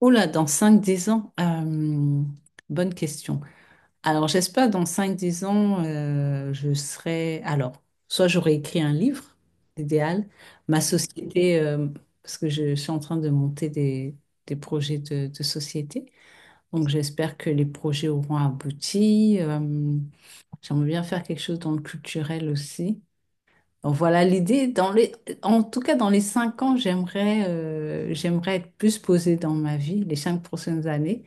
Oh là, dans cinq dix ans, bonne question. Alors, j'espère dans cinq dix ans, je serai... Alors, soit j'aurai écrit un livre, idéal, ma société, parce que je suis en train de monter des projets de société. Donc, j'espère que les projets auront abouti. J'aimerais bien faire quelque chose dans le culturel aussi. Donc, voilà l'idée. Dans les... En tout cas, dans les 5 ans, j'aimerais être plus posée dans ma vie, les 5 prochaines années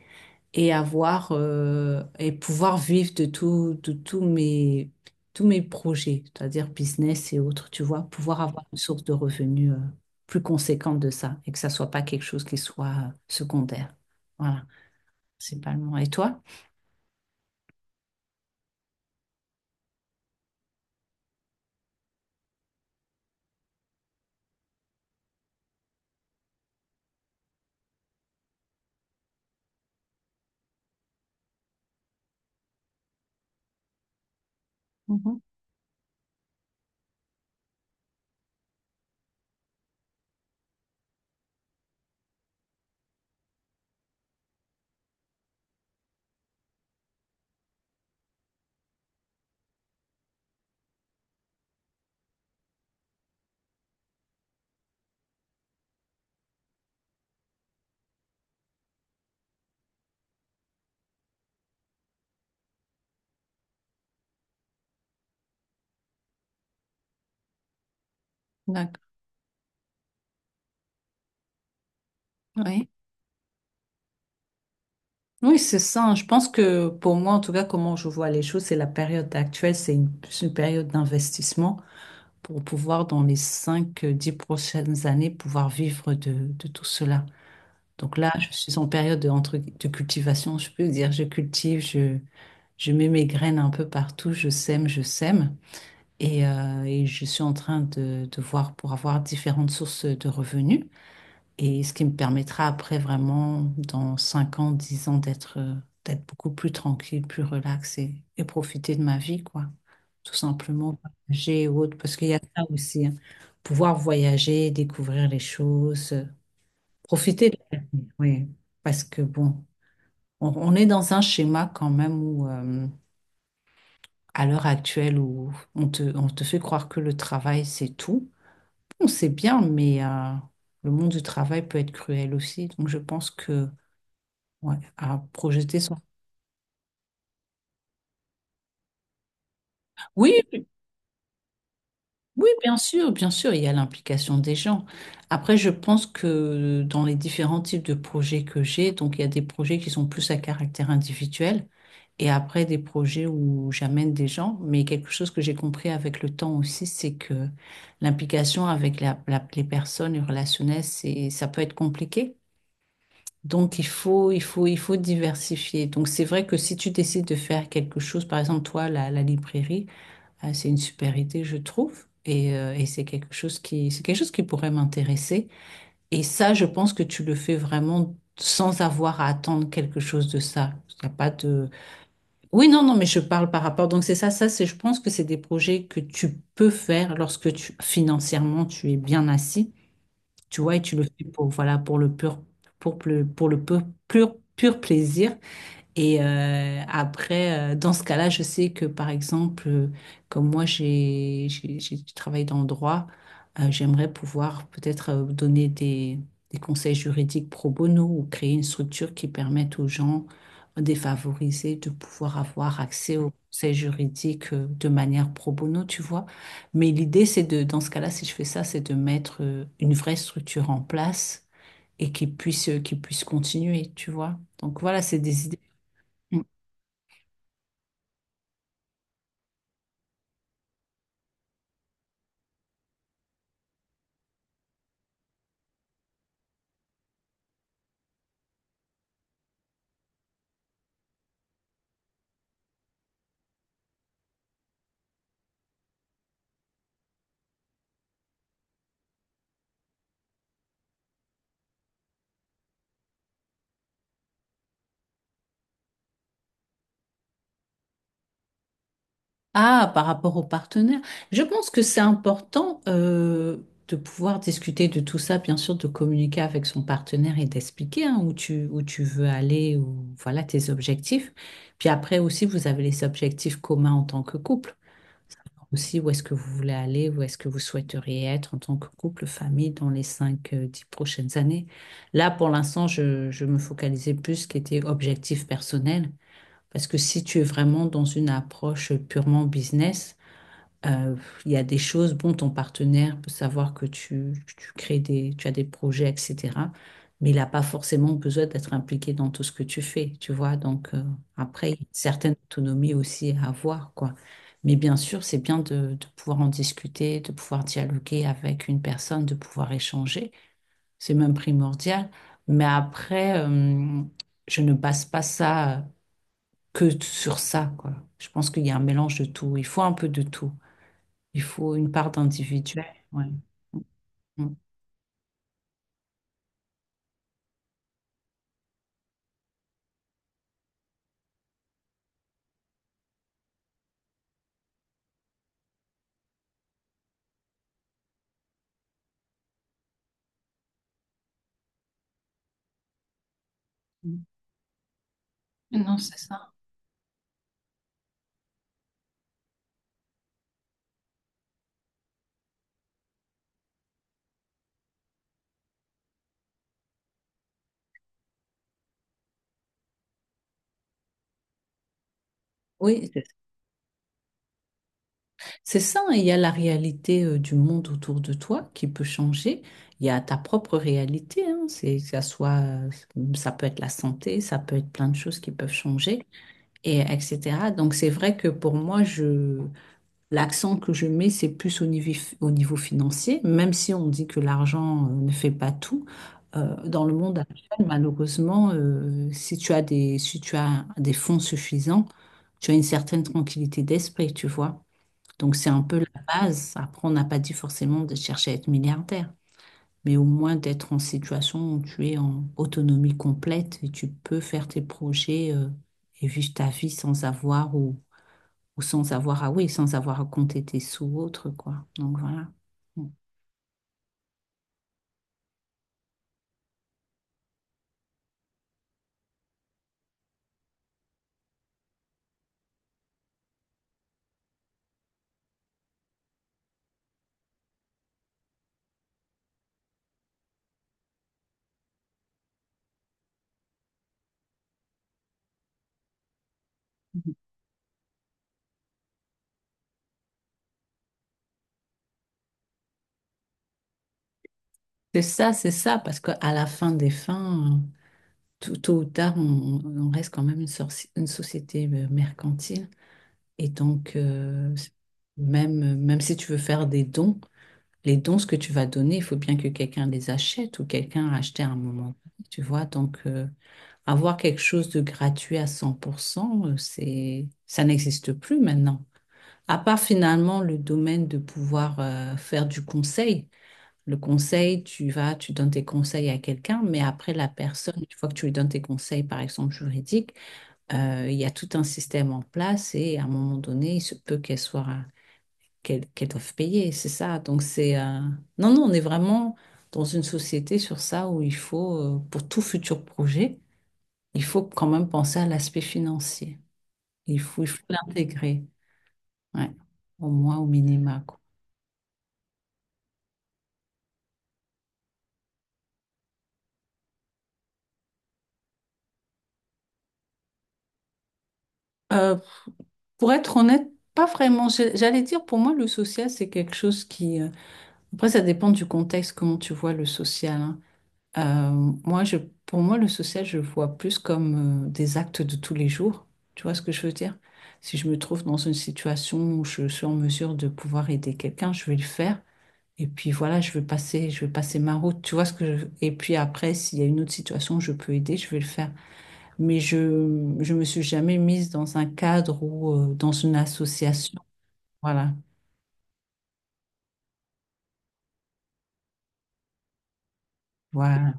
et avoir et pouvoir vivre de tous mes projets, c'est-à-dire business et autres, tu vois, pouvoir avoir une source de revenus plus conséquente de ça et que ça soit pas quelque chose qui soit secondaire. Voilà, principalement. Et toi? Mhm. D'accord. Oui. Oui, c'est ça, hein. Je pense que pour moi, en tout cas, comment je vois les choses, c'est la période actuelle, c'est une période d'investissement pour pouvoir, dans les cinq dix prochaines années, pouvoir vivre de tout cela. Donc là, je suis en période de, entre, de cultivation, je peux dire, je cultive, je mets mes graines un peu partout, je sème, je sème. Et je suis en train de voir pour avoir différentes sources de revenus. Et ce qui me permettra après vraiment, dans 5 ans, 10 ans, d'être beaucoup plus tranquille, plus relax et profiter de ma vie, quoi. Tout simplement, voyager ou autre, parce qu'il y a ça aussi, hein. Pouvoir voyager, découvrir les choses, profiter de... Oui, parce que bon. On est dans un schéma quand même où, à l'heure actuelle, où on te fait croire que le travail, c'est tout. On sait bien, mais le monde du travail peut être cruel aussi. Donc, je pense que, ouais, à projeter son... Oui, oui, bien sûr, il y a l'implication des gens. Après, je pense que dans les différents types de projets que j'ai, donc il y a des projets qui sont plus à caractère individuel et après des projets où j'amène des gens. Mais quelque chose que j'ai compris avec le temps aussi, c'est que l'implication avec les personnes, les relationnel, ça peut être compliqué. Donc il faut diversifier. Donc c'est vrai que si tu décides de faire quelque chose, par exemple toi, la librairie, ah, c'est une super idée, je trouve. Et c'est quelque chose qui pourrait m'intéresser. Et ça, je pense que tu le fais vraiment sans avoir à attendre quelque chose de ça. Il y a pas de... Oui, non, non, mais je parle par rapport. Donc c'est ça, ça, c'est, je pense que c'est des projets que tu peux faire lorsque tu, financièrement, tu es bien assis. Tu vois, et tu le fais pour, voilà, pour le pur plaisir. Et après, dans ce cas-là, je sais que par exemple, comme moi, j'ai travaillé dans le droit, j'aimerais pouvoir peut-être donner des conseils juridiques pro bono ou créer une structure qui permette aux gens défavorisés de pouvoir avoir accès aux conseils juridiques, de manière pro bono, tu vois. Mais l'idée, c'est de, dans ce cas-là, si je fais ça, c'est de mettre une vraie structure en place et qui puisse continuer, tu vois. Donc voilà, c'est des idées. Ah, par rapport au partenaire, je pense que c'est important, de pouvoir discuter de tout ça, bien sûr, de communiquer avec son partenaire et d'expliquer, hein, où tu veux aller, ou voilà tes objectifs. Puis après aussi, vous avez les objectifs communs en tant que couple. Savoir aussi, où est-ce que vous voulez aller, où est-ce que vous souhaiteriez être en tant que couple, famille dans les 5 dix prochaines années. Là, pour l'instant, je me focalisais plus ce qui était objectif personnel. Parce que si tu es vraiment dans une approche purement business, euh, il y a des choses, bon, ton partenaire peut savoir que tu as des projets, etc. Mais il n'a pas forcément besoin d'être impliqué dans tout ce que tu fais, tu vois. Donc, après, il y a une certaine autonomie aussi à avoir, quoi. Mais bien sûr, c'est bien de pouvoir en discuter, de pouvoir dialoguer avec une personne, de pouvoir échanger. C'est même primordial. Mais après, je ne passe pas ça, que sur ça, quoi. Je pense qu'il y a un mélange de tout. Il faut un peu de tout. Il faut une part d'individuel. Ouais. Ouais. Mm. Mm. Non, c'est ça. Oui, C'est ça, hein, il y a la réalité, du monde autour de toi qui peut changer. Il y a ta propre réalité, hein, c'est que ça soit, ça peut être la santé, ça peut être plein de choses qui peuvent changer, et etc. Donc c'est vrai que pour moi, l'accent que je mets, c'est plus au niveau financier, même si on dit que l'argent, ne fait pas tout. Dans le monde actuel, malheureusement, si tu as des fonds suffisants, tu as une certaine tranquillité d'esprit, tu vois. Donc, c'est un peu la base. Après, on n'a pas dit forcément de chercher à être milliardaire, mais au moins d'être en situation où tu es en autonomie complète et tu peux faire tes projets, et vivre ta vie sans avoir ou sans avoir à, oui, sans avoir à compter tes sous ou autre, quoi. Donc voilà. Mm. C'est ça, parce qu'à la fin des fins, tôt ou tard, on reste quand même une société, mercantile. Et donc, même si tu veux faire des dons, les dons, ce que tu vas donner, il faut bien que quelqu'un les achète ou quelqu'un a acheté à un moment. Tu vois, donc, avoir quelque chose de gratuit à 100%, ça n'existe plus maintenant. À part finalement le domaine de pouvoir, faire du conseil. Le conseil, tu vas, tu donnes tes conseils à quelqu'un, mais après la personne, une fois que tu lui donnes tes conseils, par exemple juridiques, il y a tout un système en place et à un moment donné, il se peut qu'elle doive payer, c'est ça. Donc non, non, on est vraiment dans une société sur ça où il faut, pour tout futur projet, il faut quand même penser à l'aspect financier. Il faut l'intégrer, ouais, au moins au minima, quoi. Euh, Pour être honnête, pas vraiment. J'allais dire, pour moi, le social, c'est quelque chose qui... Après, ça dépend du contexte, comment tu vois le social, hein. Euh, moi, pour moi, le social, je le vois plus comme des actes de tous les jours. Tu vois ce que je veux dire? Si je me trouve dans une situation où je suis en mesure de pouvoir aider quelqu'un, je vais le faire. Et puis voilà, je vais passer ma route. Tu vois ce que je... Et puis après, s'il y a une autre situation où je peux aider, je vais le faire, mais je me suis jamais mise dans un cadre ou dans une association. Voilà, voilà,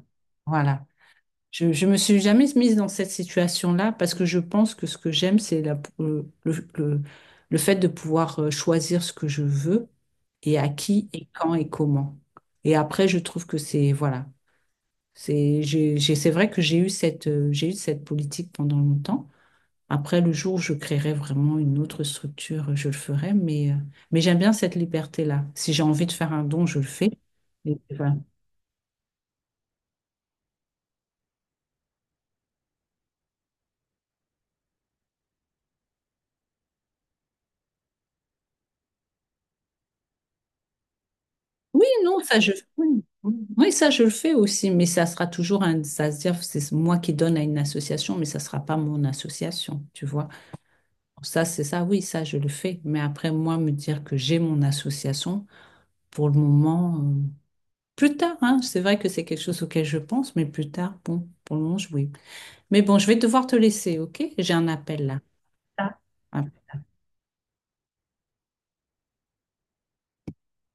voilà. Je me suis jamais mise dans cette situation-là parce que je pense que ce que j'aime, c'est le fait de pouvoir, choisir ce que je veux et à qui et quand et comment. Et après, je trouve que c'est voilà, c'est vrai que j'ai eu cette politique pendant longtemps. Après, le jour où je créerai vraiment une autre structure, je le ferai, mais j'aime bien cette liberté-là. Si j'ai envie de faire un don, je le fais. Et voilà. Oui, non, ça je oui, oui, ça je le fais aussi, mais ça sera toujours un, ça se dire c'est moi qui donne à une association, mais ça sera pas mon association, tu vois. Ça c'est ça, oui, ça je le fais, mais après moi me dire que j'ai mon association pour le moment, plus tard, hein, c'est vrai que c'est quelque chose auquel je pense, mais plus tard, bon, pour le moment, oui. Mais bon, je vais devoir te laisser, ok? J'ai un appel là. Ah,